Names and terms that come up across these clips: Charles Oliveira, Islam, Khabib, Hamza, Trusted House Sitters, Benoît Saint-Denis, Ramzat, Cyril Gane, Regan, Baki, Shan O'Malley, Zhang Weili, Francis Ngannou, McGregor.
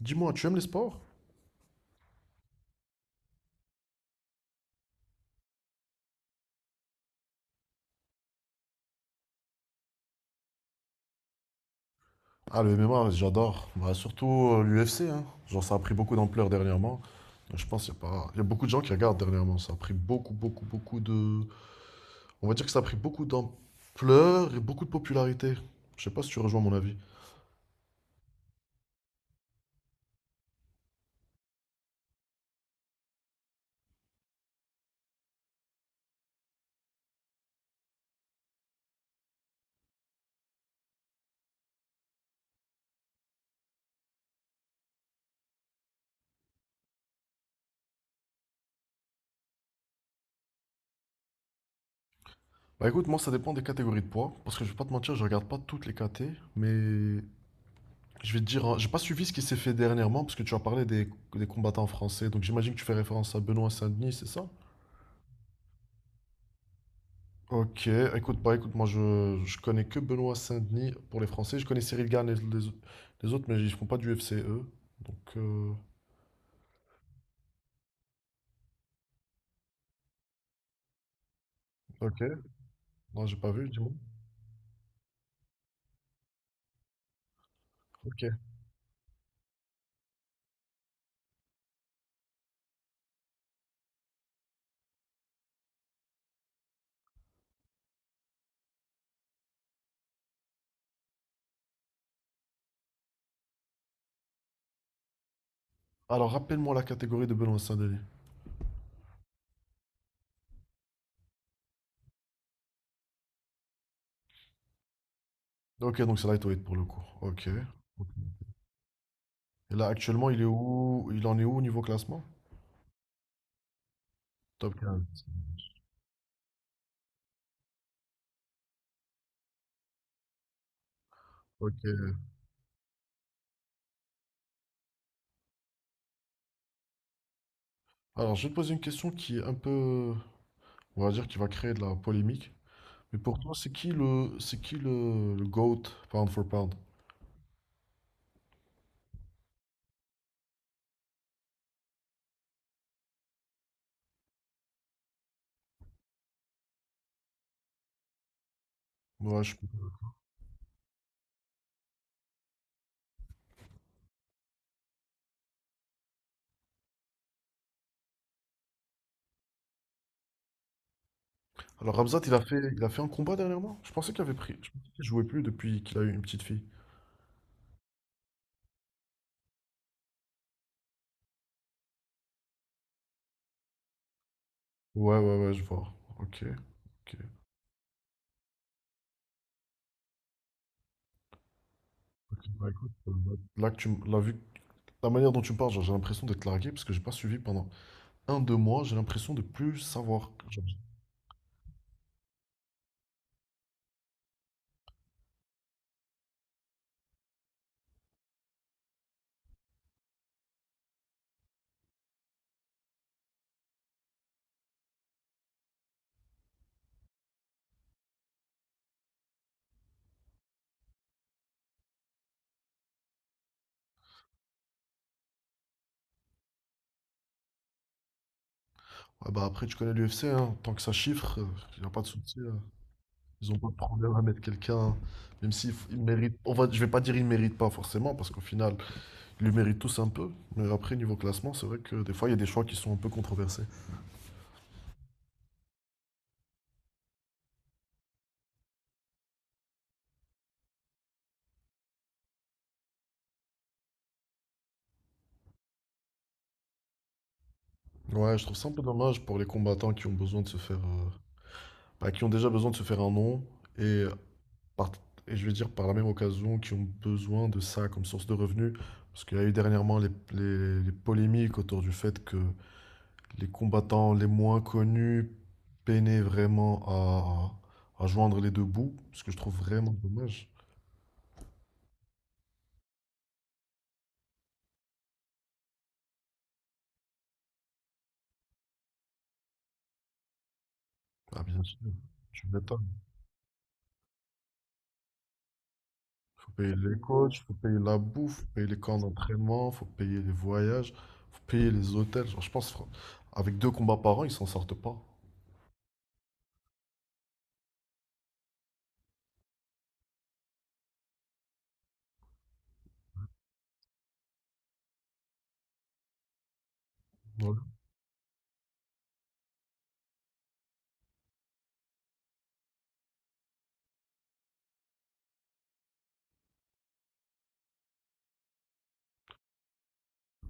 Dis-moi, tu aimes les sports? Ah, le MMA, j'adore. Bah, surtout l'UFC, hein. Genre, ça a pris beaucoup d'ampleur dernièrement. Je pense qu'il y a pas... il y a beaucoup de gens qui regardent dernièrement. Ça a pris beaucoup, beaucoup, beaucoup de... On va dire que ça a pris beaucoup d'ampleur et beaucoup de popularité. Je sais pas si tu rejoins mon avis. Bah écoute, moi, ça dépend des catégories de poids. Parce que je vais pas te mentir, je regarde pas toutes les catés. Mais je vais te dire, hein, j'ai pas suivi ce qui s'est fait dernièrement. Parce que tu as parlé des combattants français. Donc j'imagine que tu fais référence à Benoît Saint-Denis, c'est ça? Ok, écoute, je connais que Benoît Saint-Denis pour les Français. Je connais Cyril Gane et les autres, mais ils font pas du FC eux. Donc, ok, non, j'ai pas vu, dis-moi. Ok. Alors, rappelle-moi la catégorie de Benoît Saint-Denis. Ok, donc c'est lightweight pour le coup. Ok. Et là, actuellement, il est où? Il en est où au niveau classement? Top 15. Ok. Alors, je vais te poser une question qui est un peu, on va dire, qui va créer de la polémique. Mais pour toi, c'est qui le GOAT, pound for pound? Ouais, je suis. Alors Ramzat, il a fait un combat dernièrement? Je pensais qu'il avait pris. Je pensais qu'il jouait plus depuis qu'il a eu une petite fille. Ouais, ouais, ouais, je vois. Ok. Ok. Ok, bah écoute, ouais. Là, la manière dont tu me parles, genre, j'ai l'impression d'être largué parce que j'ai pas suivi pendant un, deux mois, j'ai l'impression de plus savoir. Genre, ouais, bah après tu connais l'UFC, hein, tant que ça chiffre, il n'y a pas de souci, hein. Ils ont pas de problème à mettre quelqu'un, même il mérite. Je vais pas dire il mérite pas forcément, parce qu'au final, ils le méritent tous un peu. Mais après, niveau classement, c'est vrai que des fois, il y a des choix qui sont un peu controversés. Ouais, je trouve ça un peu dommage pour les combattants qui ont besoin de se bah, qui ont déjà besoin de se faire un nom et, par- et je vais dire par la même occasion qui ont besoin de ça comme source de revenus. Parce qu'il y a eu dernièrement les polémiques autour du fait que les combattants les moins connus peinaient vraiment à joindre les deux bouts, ce que je trouve vraiment dommage. Ah bien sûr, tu m'étonnes. Faut payer les coachs, faut payer la bouffe, faut payer les camps d'entraînement, faut payer les voyages, faut payer les hôtels. Avec deux combats par an, ils s'en sortent pas. Ouais.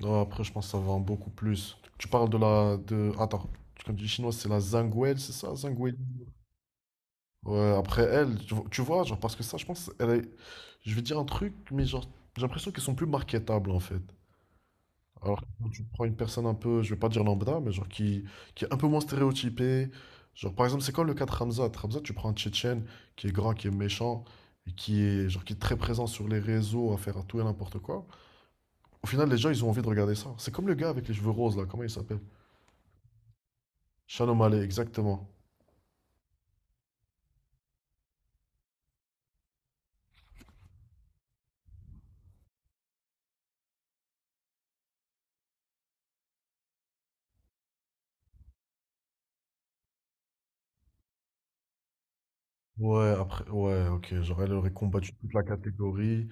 Non, après, je pense que ça va en beaucoup plus. Tu parles de la... De... Attends, quand tu dis chinoise, c'est la Zhang Weili, c'est ça, Zhang Weili? Ouais, après elle, tu vois, genre, parce que ça, je pense, elle est... Je vais dire un truc, mais genre, j'ai l'impression qu'ils sont plus marketables, en fait. Alors, quand tu prends une personne un peu, je vais pas dire lambda, mais qui est un peu moins stéréotypée. Genre, par exemple, c'est quoi le cas de Hamza? Hamza, tu prends un Tchétchène qui est grand, qui est méchant, et qui est, genre, qui est très présent sur les réseaux à faire à tout et n'importe quoi. Au final, les gens, ils ont envie de regarder ça. C'est comme le gars avec les cheveux roses, là, comment il s'appelle? Shan O'Malley, exactement. Ouais, après, ouais, ok. Genre, elle aurait combattu toute la catégorie,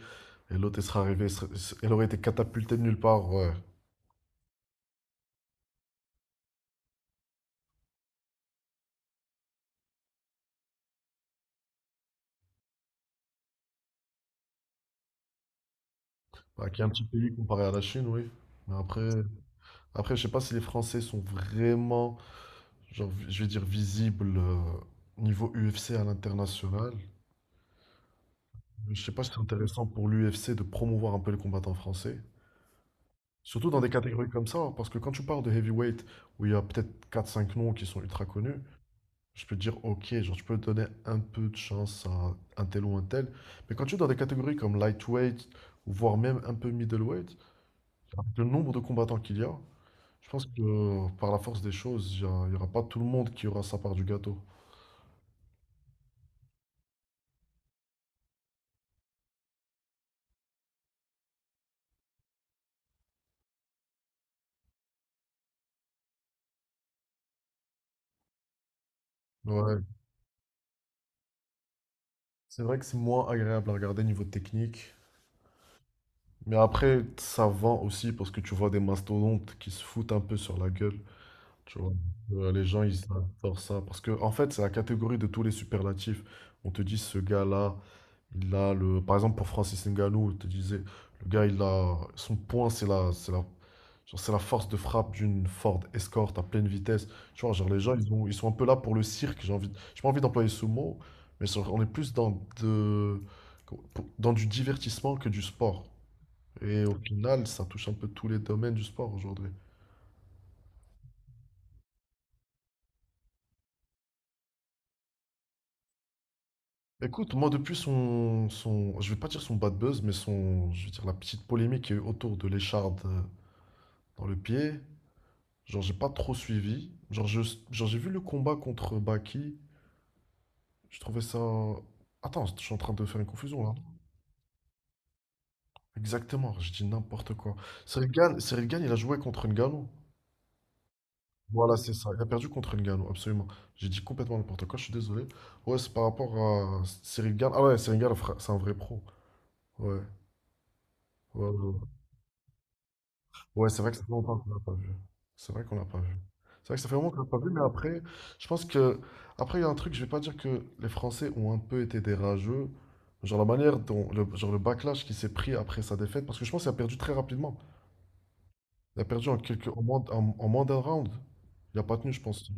et l'autre, elle serait arrivée, elle aurait été catapultée de nulle part, ouais. Bah, qui est un petit pays comparé à la Chine, oui. Mais après. Après, je sais pas si les Français sont vraiment, genre, je vais dire, visibles niveau UFC à l'international. Je sais pas si c'est intéressant pour l'UFC de promouvoir un peu les combattants français. Surtout dans des catégories comme ça, hein, parce que quand tu parles de heavyweight, où il y a peut-être quatre, cinq noms qui sont ultra connus, je peux te dire, ok, genre, tu peux donner un peu de chance à un tel ou un tel. Mais quand tu es dans des catégories comme lightweight, voire même un peu middleweight, avec le nombre de combattants qu'il y a, je pense que par la force des choses, il n'y aura pas tout le monde qui aura sa part du gâteau. Ouais. C'est vrai que c'est moins agréable à regarder niveau technique. Mais après, ça vend aussi parce que tu vois des mastodontes qui se foutent un peu sur la gueule. Tu vois, les gens, ils adorent ça. Parce que, en fait, c'est la catégorie de tous les superlatifs. On te dit, ce gars-là, il a le. Par exemple, pour Francis Ngannou, on te disait, le gars, il a. Son point, c'est la. Genre, c'est la force de frappe d'une Ford Escort à pleine vitesse. Tu vois, genre, les gens, ils sont un peu là pour le cirque. J'ai pas envie d'employer ce mot, mais genre, on est plus dans du divertissement que du sport. Et au final, ça touche un peu tous les domaines du sport aujourd'hui. Écoute, moi, depuis je vais pas dire son bad buzz, mais son, je vais dire la petite polémique qu'il y a eu autour de l'écharde dans le pied, genre, j'ai pas trop suivi. Genre, j'ai vu le combat contre Baki. Je trouvais ça. Attends, je suis en train de faire une confusion là. Exactement, je dis n'importe quoi. Cyril Gane, il a joué contre Ngannou. Voilà, c'est ça. Il a perdu contre Ngannou, absolument. J'ai dit complètement n'importe quoi, je suis désolé. Ouais, c'est par rapport à Cyril Gane. Ah ouais, c'est un vrai pro. Ouais, ouais, ouais. Ouais, c'est vrai que ça fait longtemps qu'on l'a pas vu. C'est vrai qu'on l'a pas vu. C'est vrai que ça fait longtemps qu'on l'a pas vu, mais après, je pense que. Après, il y a un truc, je vais pas dire que les Français ont un peu été des rageux. Genre la manière dont. Genre le backlash qui s'est pris après sa défaite, parce que je pense qu'il a perdu très rapidement. Il a perdu en quelques, en moins, en, en moins d'un round. Il a pas tenu, je pense.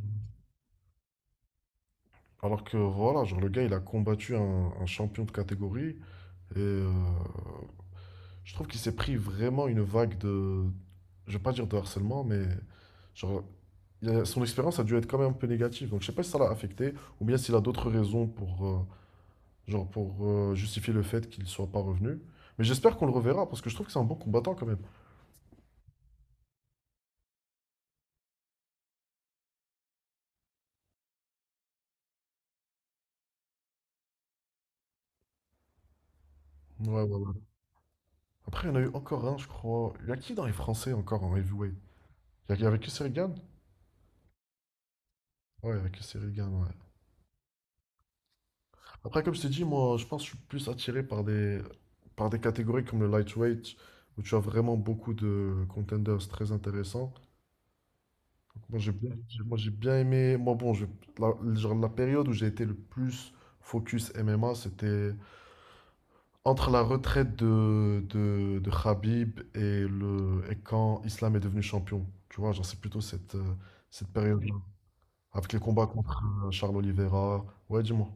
Alors que voilà, genre le gars, il a combattu un champion de catégorie. Et je trouve qu'il s'est pris vraiment une vague de. Je vais pas dire de harcèlement, mais. Genre, son expérience a dû être quand même un peu négative. Donc je sais pas si ça l'a affecté ou bien s'il a d'autres raisons pour, genre pour justifier le fait qu'il soit pas revenu. Mais j'espère qu'on le reverra parce que je trouve que c'est un bon combattant quand même. Ouais, ouais, ouais. Après, il y en a eu encore un, je crois. Il y a qui dans les Français encore en heavyweight? Il y avait que Regan? Ouais, il y avait que Regan, ouais. Après, comme je t'ai dit, moi, je pense que je suis plus attiré par par des catégories comme le lightweight où tu as vraiment beaucoup de contenders très intéressants. Moi j'ai bien, j'ai bien aimé. La, genre, la période où j'ai été le plus focus MMA, c'était entre la retraite de Khabib et quand Islam est devenu champion. Tu vois, cette période-là. Avec les combats contre Charles Oliveira. Ouais, dis-moi.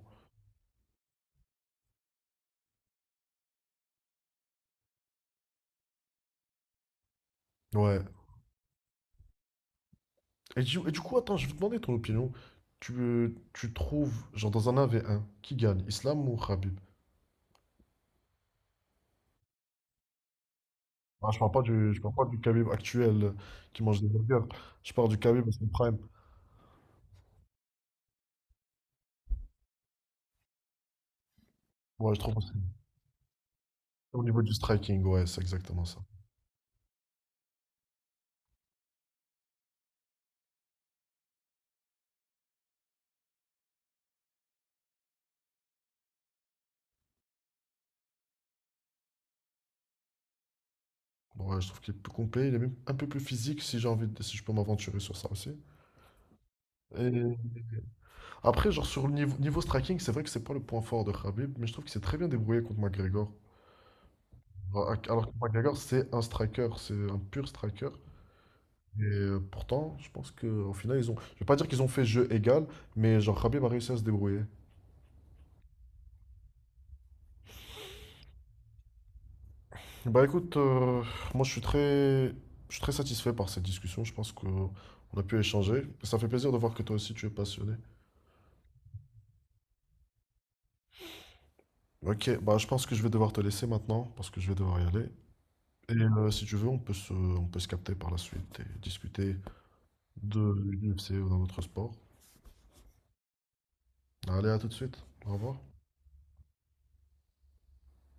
Ouais. Et du coup, attends, je vais te demander ton opinion. Tu trouves, genre dans un 1v1, qui gagne, Islam ou Khabib? Ah, je parle pas du Khabib actuel qui mange des burgers. Je parle du Khabib à son prime. Ouais, je trouve aussi. Au niveau du striking, ouais, c'est exactement ça. Ouais, je trouve qu'il est plus complet, il est même un peu plus physique si j'ai envie de, si je peux m'aventurer sur ça aussi. Et après, niveau striking, c'est vrai que c'est pas le point fort de Khabib, mais je trouve qu'il s'est très bien débrouillé contre McGregor. Alors que McGregor, c'est un striker, c'est un pur striker. Et pourtant, je pense qu'au final, ils ont. Je vais pas dire qu'ils ont fait jeu égal, mais genre Khabib a réussi à se débrouiller. Bah écoute, moi je suis très satisfait par cette discussion. Je pense qu'on a pu échanger. Ça fait plaisir de voir que toi aussi tu es passionné. Ok, bah je pense que je vais devoir te laisser maintenant parce que je vais devoir y aller. Et si tu veux, on peut se capter par la suite et discuter de l'UFC ou d'un autre sport. Allez, à tout de suite. Au revoir.